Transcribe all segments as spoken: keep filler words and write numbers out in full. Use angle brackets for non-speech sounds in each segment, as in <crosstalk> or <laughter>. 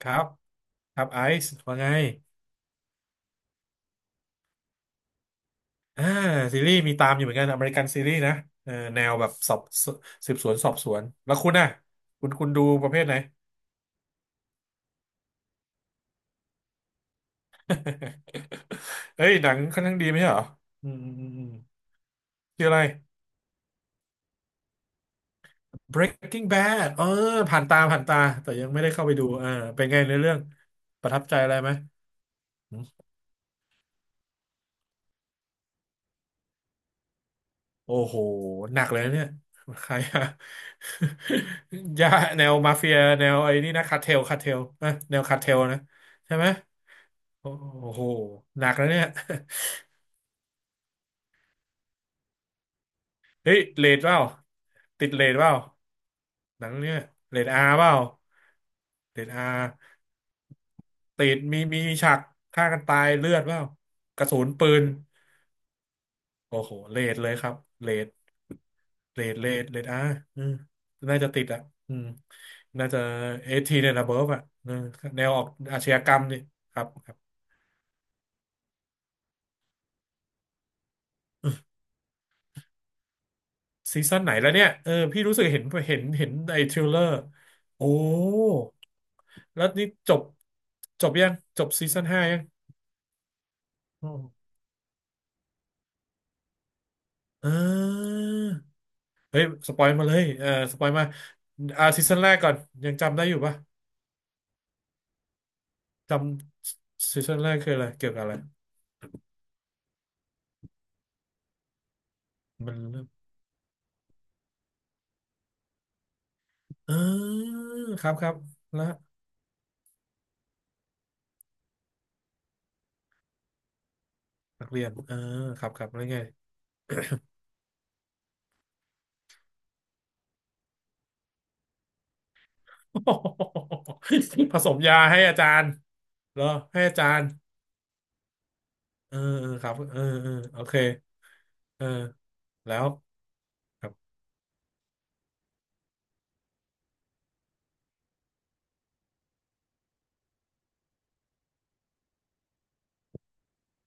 ครับครับไอซ์ว่าไงอ่าซีรีส์มีตามอยู่เหมือนกันอเมริกันซีรีส์นะเออแนวแบบสอบสืบสวนสอบสวนแล้วคุณน่ะคุณคุณดูประเภทไหน <laughs> เอ้ยหนังค่อนข้างดีไหมใช่เหรออืมอืมอืมอืมชื่ออะไร Breaking Bad เออผ่านตาผ่านตาแต่ยังไม่ได้เข้าไปดูเออเป็นไงในอเรื่องประทับใจอะไรไหมหืมโอ้โหหนักเลยนะเนี่ยใครอะ <laughs> ยาแนวมาเฟียแนวไอ้นี่นะคาร์เทลคาร์เทลนะแนวคาร์เทลนะใช่ไหม โอ้โหหนักแล้วเนี่ย <laughs> เฮ้ยเรทเปล่าติดเรทเปล่าหนังเนี่ยเรทอาร์เปล่าเรทอาร์ติดมีมีฉากฆ่ากันตายเลือดเปล่ากระสุนปืนโอ้โหเรทเลยครับเรทเรทเรทเรทอาร์อืมน่าจะติดอ่ะอืมน่าจะเอทีเนี่ยนะเบิร์ฟอ่ะเออแนวออกอาชญากรรมนี่ครับครับซีซั่นไหนแล้วเนี่ยเออพี่รู้สึกเห็นเห็นเห็นไอ้ทริลเลอร์โอ้ แล้วนี่จบจบยังจบซีซั่นห้ายังอ๋มอ่าเฮ้ยสปอยมาเลยเออสปอยมาอ่าซีซั่นแรกก่อนยังจำได้อยู่ปะจำซีซั่นแรกคืออะไรเกี่ยวกับอะไรมันเริ่มเอ่ครับครับแล้วนักเรียนเอ่าครับครับแล้วไงโอ้โห <laughs> ผสมยาให้อาจารย์เหรอให้อาจารย์เออเออครับเออเออโอเคเออแล้วครับ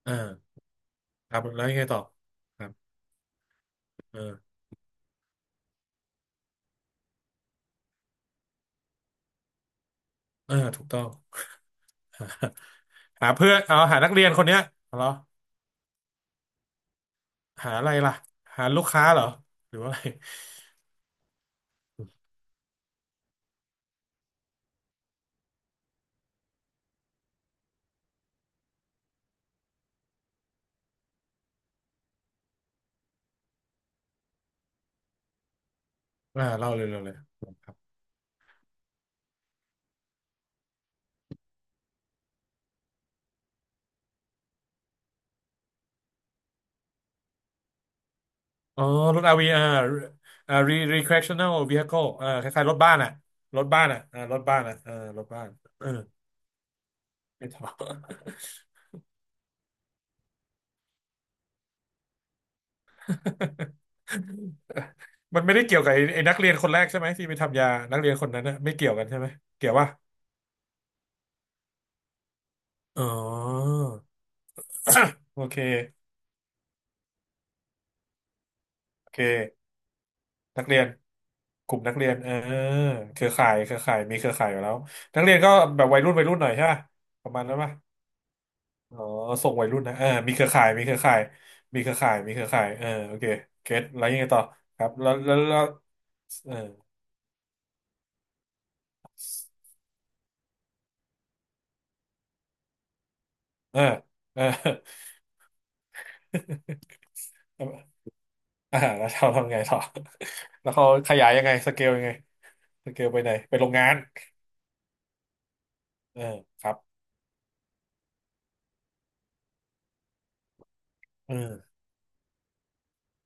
เอ่าครับแล้วยังไงต่อครับเออ เออถูกต้อง <laughs> หาเพื่อนเอาหานักเรียนคนเนี้ยเหรอหาอะไรล่ะหาลูกค้าเหรอหรือว่าอะไรอ่าเล่าเลยเล่าเลยครับอ๋อรถอาร์วีอ่าอ่า re recreational vehicle อ่าคล้ายๆรถบ้านอ่ะรถบ้านอ่ะอ่ารถบ้านอ่ะเออรถบ้านเออไม่ทอ <laughs> มันไม่ได้เกี่ยวกับไอ้ไอ้นักเรียนคนแรกใช่ไหมที่ไปทำยานักเรียนคนนั้นนะไม่เกี่ยวกันใช่ไหมเกี่ยวป่ะอ๋อ <coughs> โอเคโอเคนักเรียน กลุ่มนักเรียนเออเครือข่ายเครือข่ายมีเครือข่ายอยู่แล้วนักเรียนก็แบบวัยรุ่นวัยรุ่นหน่อยใช่ปะประมาณนั้นปะอ๋อส่งวัยรุ่นนะเออมีเครือข่ายมีเครือข่ายมีเครือข่ายมีเครือข่ายเออโอเคเก็ตแล้วยังไงต่อครับแล้วแล้วแล้วเออเออเออ <laughs> อ่าแล้วเราทำไงต่อ <laughs> แล้วเขาขยายยังไงสเกลยังไงสเกลไปไหนไปโรงงานเออครับเออ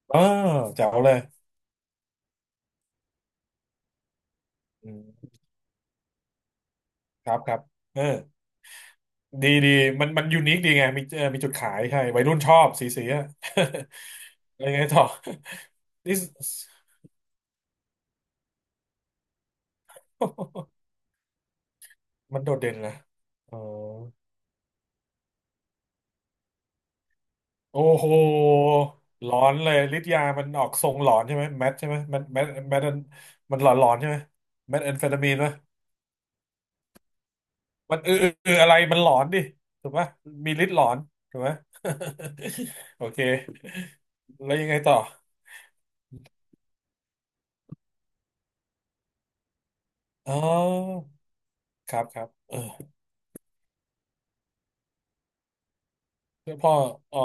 เออแจ๋วเลยอืมครับครับเออ ดีดีมันมันยูนิคดีไงมีเออมีจุดขายใช่วัยรุ่นชอบสีสีอะ <laughs> อะไรไงต่อนี่ <laughs> มันโดดเด่นนะอ๋อโอ้โหหลอนเลยฤทธิ์ยามันออกทรงหลอนใช่ไหมแมทใช่ไหมมันแมทแมทมันหลอนหลอนใช่ไหมแมทแอมเฟตามีนไหมมันเออเอออะไรมันหลอนดิถูกปะมีฤทธิ์หลอนถูกไหม <laughs> โอเคแล้วยังไงต่ออ๋อครับครับเออพ่ออ๋อ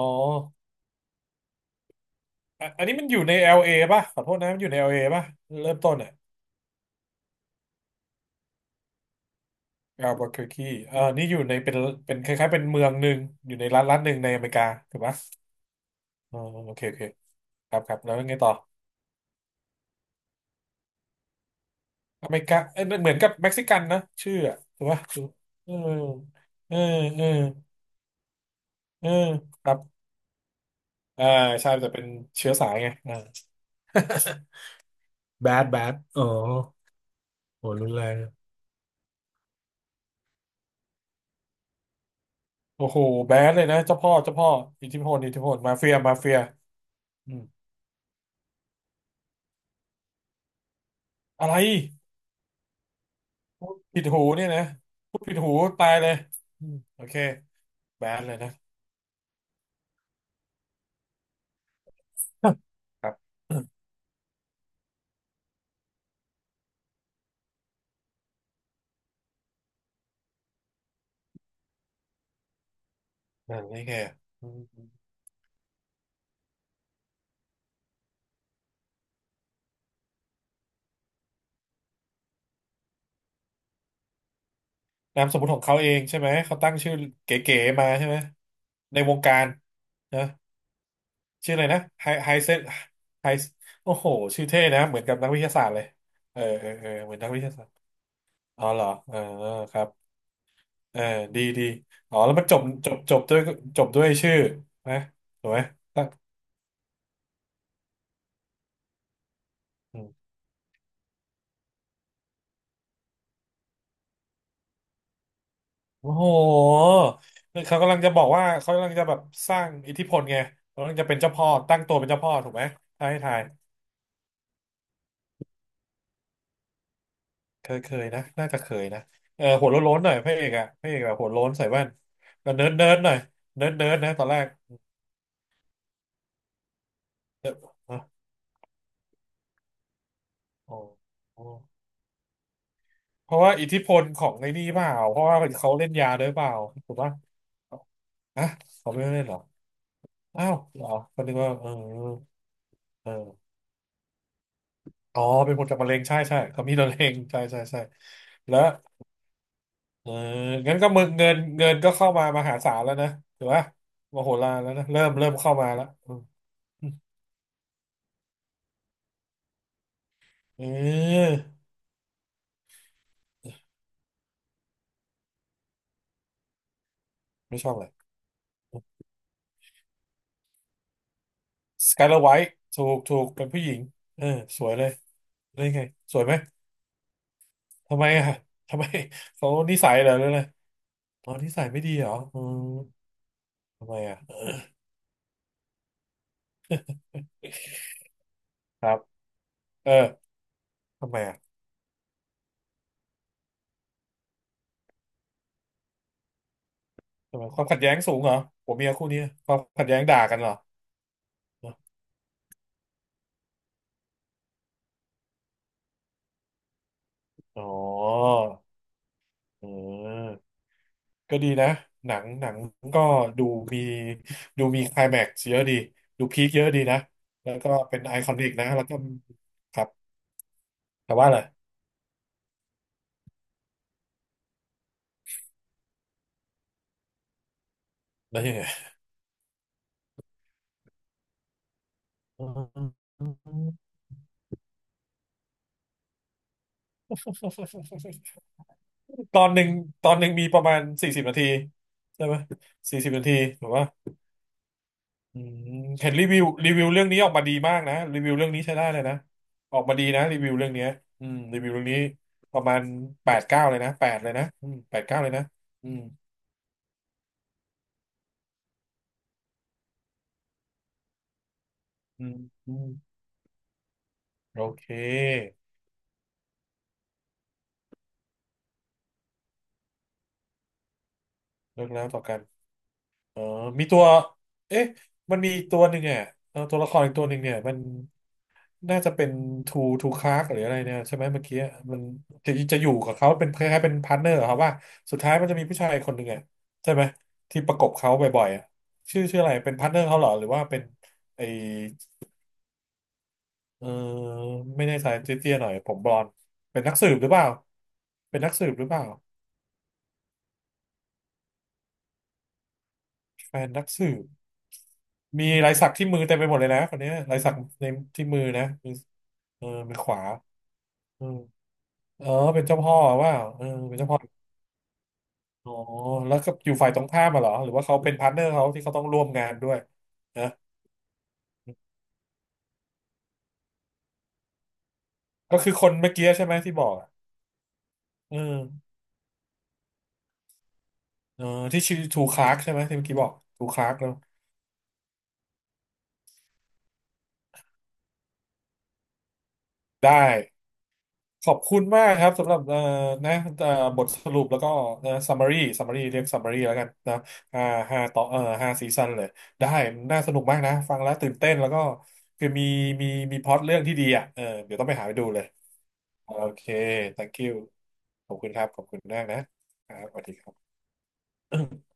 อ่ะอันนี้มันอยู่ใน แอล เอ ป่ะขอโทษนะมันอยู่ใน แอล เอ ป่ะเริ่มต้นอ่ะ Albuquerque เอ่านี่อยู่ในเป็นเป็นคล้ายๆเป็นเมืองหนึ่งอยู่ในรัฐรัฐหนึ่งในอเมริกาถูกป่ะอ๋อโอเคโอเคครับครับแล้วไงต่ออเมริกาเอ้ยเหมือนกับเม็กซิกันนะชื่ออะถูกป่ะถูกเออเออเออเออครับอ่าใช่แต่เป็นเชื้อสายไงอ่า <laughs> แบดแบดอ๋อโหรุนแรงโอ้โหแบดเลยนะเจ้าพ่อเจ้าพ่ออิทธิพลอิทธิพลมาเฟียมาเฟียอืมอะไร ผิดหูเนี่ยนะพูดผิดหูตายเลยอืมโอเคแบนเลยนะครับ <coughs> นั่นนี่แค่อืมนามสมมติของเขาเองใช่ไหมเขาตั้งชื่อเก๋ๆมาใช่ไหมในวงการนะชื่ออะไรนะไฮไฮเซนไฮโอ้โหชื่อเท่นะเหมือนกับนักวิทยาศาสตร์เลยเออเออเออเหมือนนักวิทยาศาสตร์อ๋อเหรอเออครับเออดีดีอ๋อแล้วมันจบจบจบด้วยจบด้วยชื่อนะถูกไหม โอ้โหคือเขากำลังจะบอกว่าเขากำลังจะแบบสร้างอิทธิพลไงเขากำลังจะเป็นเจ้าพ่อตั้งตัวเป็นเจ้าพ่อถูกไหมถ้าให้ทายเคยเคยนะน่าจะเคยนะเออหัวโล้นๆหน่อยพระเอกอะพระเอกแบบหัวโล้นใส่แว่นล้วเนิร์ดเนิร์ดหน่อยเนิร์ดเนิร์ดนะตอนแรกเออฮะโอโอเพราะว่าอิทธิพลของในนี่เปล่าเพราะว่าเขาเล่นยาด้วยเปล่าถูกปะฮะเขาไม่ได้เล่นเหรออ้าวเหรอก็นึกว่าเออเอออ๋อเป็นผลจากมะเร็งใช่ใช่เขามีมะเร็งใช่ใช่ใช่แล้ว เอองั้นก็มึงเงินเงินก็เข้ามามหาศาลแล้วนะถือว่ามโหฬารแล้วนะเริ่มเริ่มเข้ามาแล้วอืมเออไม่ชอบเลยสกายเลอร์ไวท์ถูกถูกเป็นผู้หญิงเออสวยเลยได้ไงสวยไหมทำไมอ่ะทำไมเขานิสัยเหรอหรืออะไรอ๋อนิสัยไม่ดีเหรออืมทำไมอ่ะครับเออทำไมอ่ะทำไมความขัดแย้งสูงเหรอผัวเมียคู่นี้ความขัดแย้งด่ากันเหรออ๋อเออ ก็ดีนะ หนังหนังก็ดูมีดูมีไคลแม็กซ์เยอะดีดูพีคเยอะดีนะแล้วก็เป็นไอคอนิกนะแล้วก็ครับแต่ว่าอะไรแล้วยังไง <laughs> ตอนหนึ่งตอนหนึ่งมีประมาณสี่สิบนาทีใช่ไหมสี่สิบนาทีถูกป่ะอืมเห็นรีวิวรีวิวเรื่องนี้ออกมาดีมากนะรีวิวเรื่องนี้ใช้ได้เลยนะออกมาดีนะรีวิวเรื่องเนี้ยอืมรีวิวเรื่องนี้ประมาณแปดเก้าเลยนะแปดเลยนะอืมแปดเก้าเลยนะอืมอืมอืม โอเคเลิกแล้วต่อกันเออมีตัวเอ๊ะมันมีอีกตัวหนึ่งอ่ะเออตัวละครอีกตัวหนึ่งเนี่ยมันน่าจะเป็นทูทูคาร์กหรืออะไรเนี่ยใช่ไหมเมื่อกี้มันจะจะอยู่กับเขาเป็นคล้ายๆเป็นพาร์ทเนอร์ครัว่าสุดท้ายมันจะมีผู้ชายคนหนึ่งอ่ะใช่ไหมที่ประกบเขาบ่อยๆอะชื่อชื่ออะไรเป็นพาร์ทเนอร์เขาเหรอหรือว่าเป็นไอเออไม่แน่ใจเตี้ยๆหน่อยผมบลอนด์เป็นนักสืบหรือเปล่าเป็นนักสืบหรือเปล่าแฟนนักสืบ มีลายสักที่มือเต็มไปหมดเลยนะคนเนี้ยลายสักในที่มือนะมือเออมือขวาเออเออเป็นเจ้าพ่อว่าเออเป็นเจ้าพ่ออ๋อแล้วก็อยู่ฝ่ายตรงข้ามมาเหรอหรือว่าเขาเป็นพาร์ทเนอร์เขาที่เขาต้องร่วมงานด้วยนะก็คือคนเมื่อกี้ใช่ไหมที่บอกอะเออเออที่ชื่อทูคลาร์กใช่ไหมที่เมื่อกี้บอกทูคลาร์กแล้วได้ ขอบคุณมากครับสำหรับเอ่อนะเอ่อบทสรุปแล้วก็นะ summary summary เรียก summary แล้วกันนะอ่าห้าต่อเอ่อห้าซีซันเลยได้น่าสนุกมากนะฟังแล้วตื่นเต้นแล้วก็คือมีมีมีพล็อตเรื่องที่ดีอ่ะเออเดี๋ยวต้องไปหาไปดูเลยโอเค thank you ขอบคุณครับขอบคุณมากนะครับสวัสดีครับ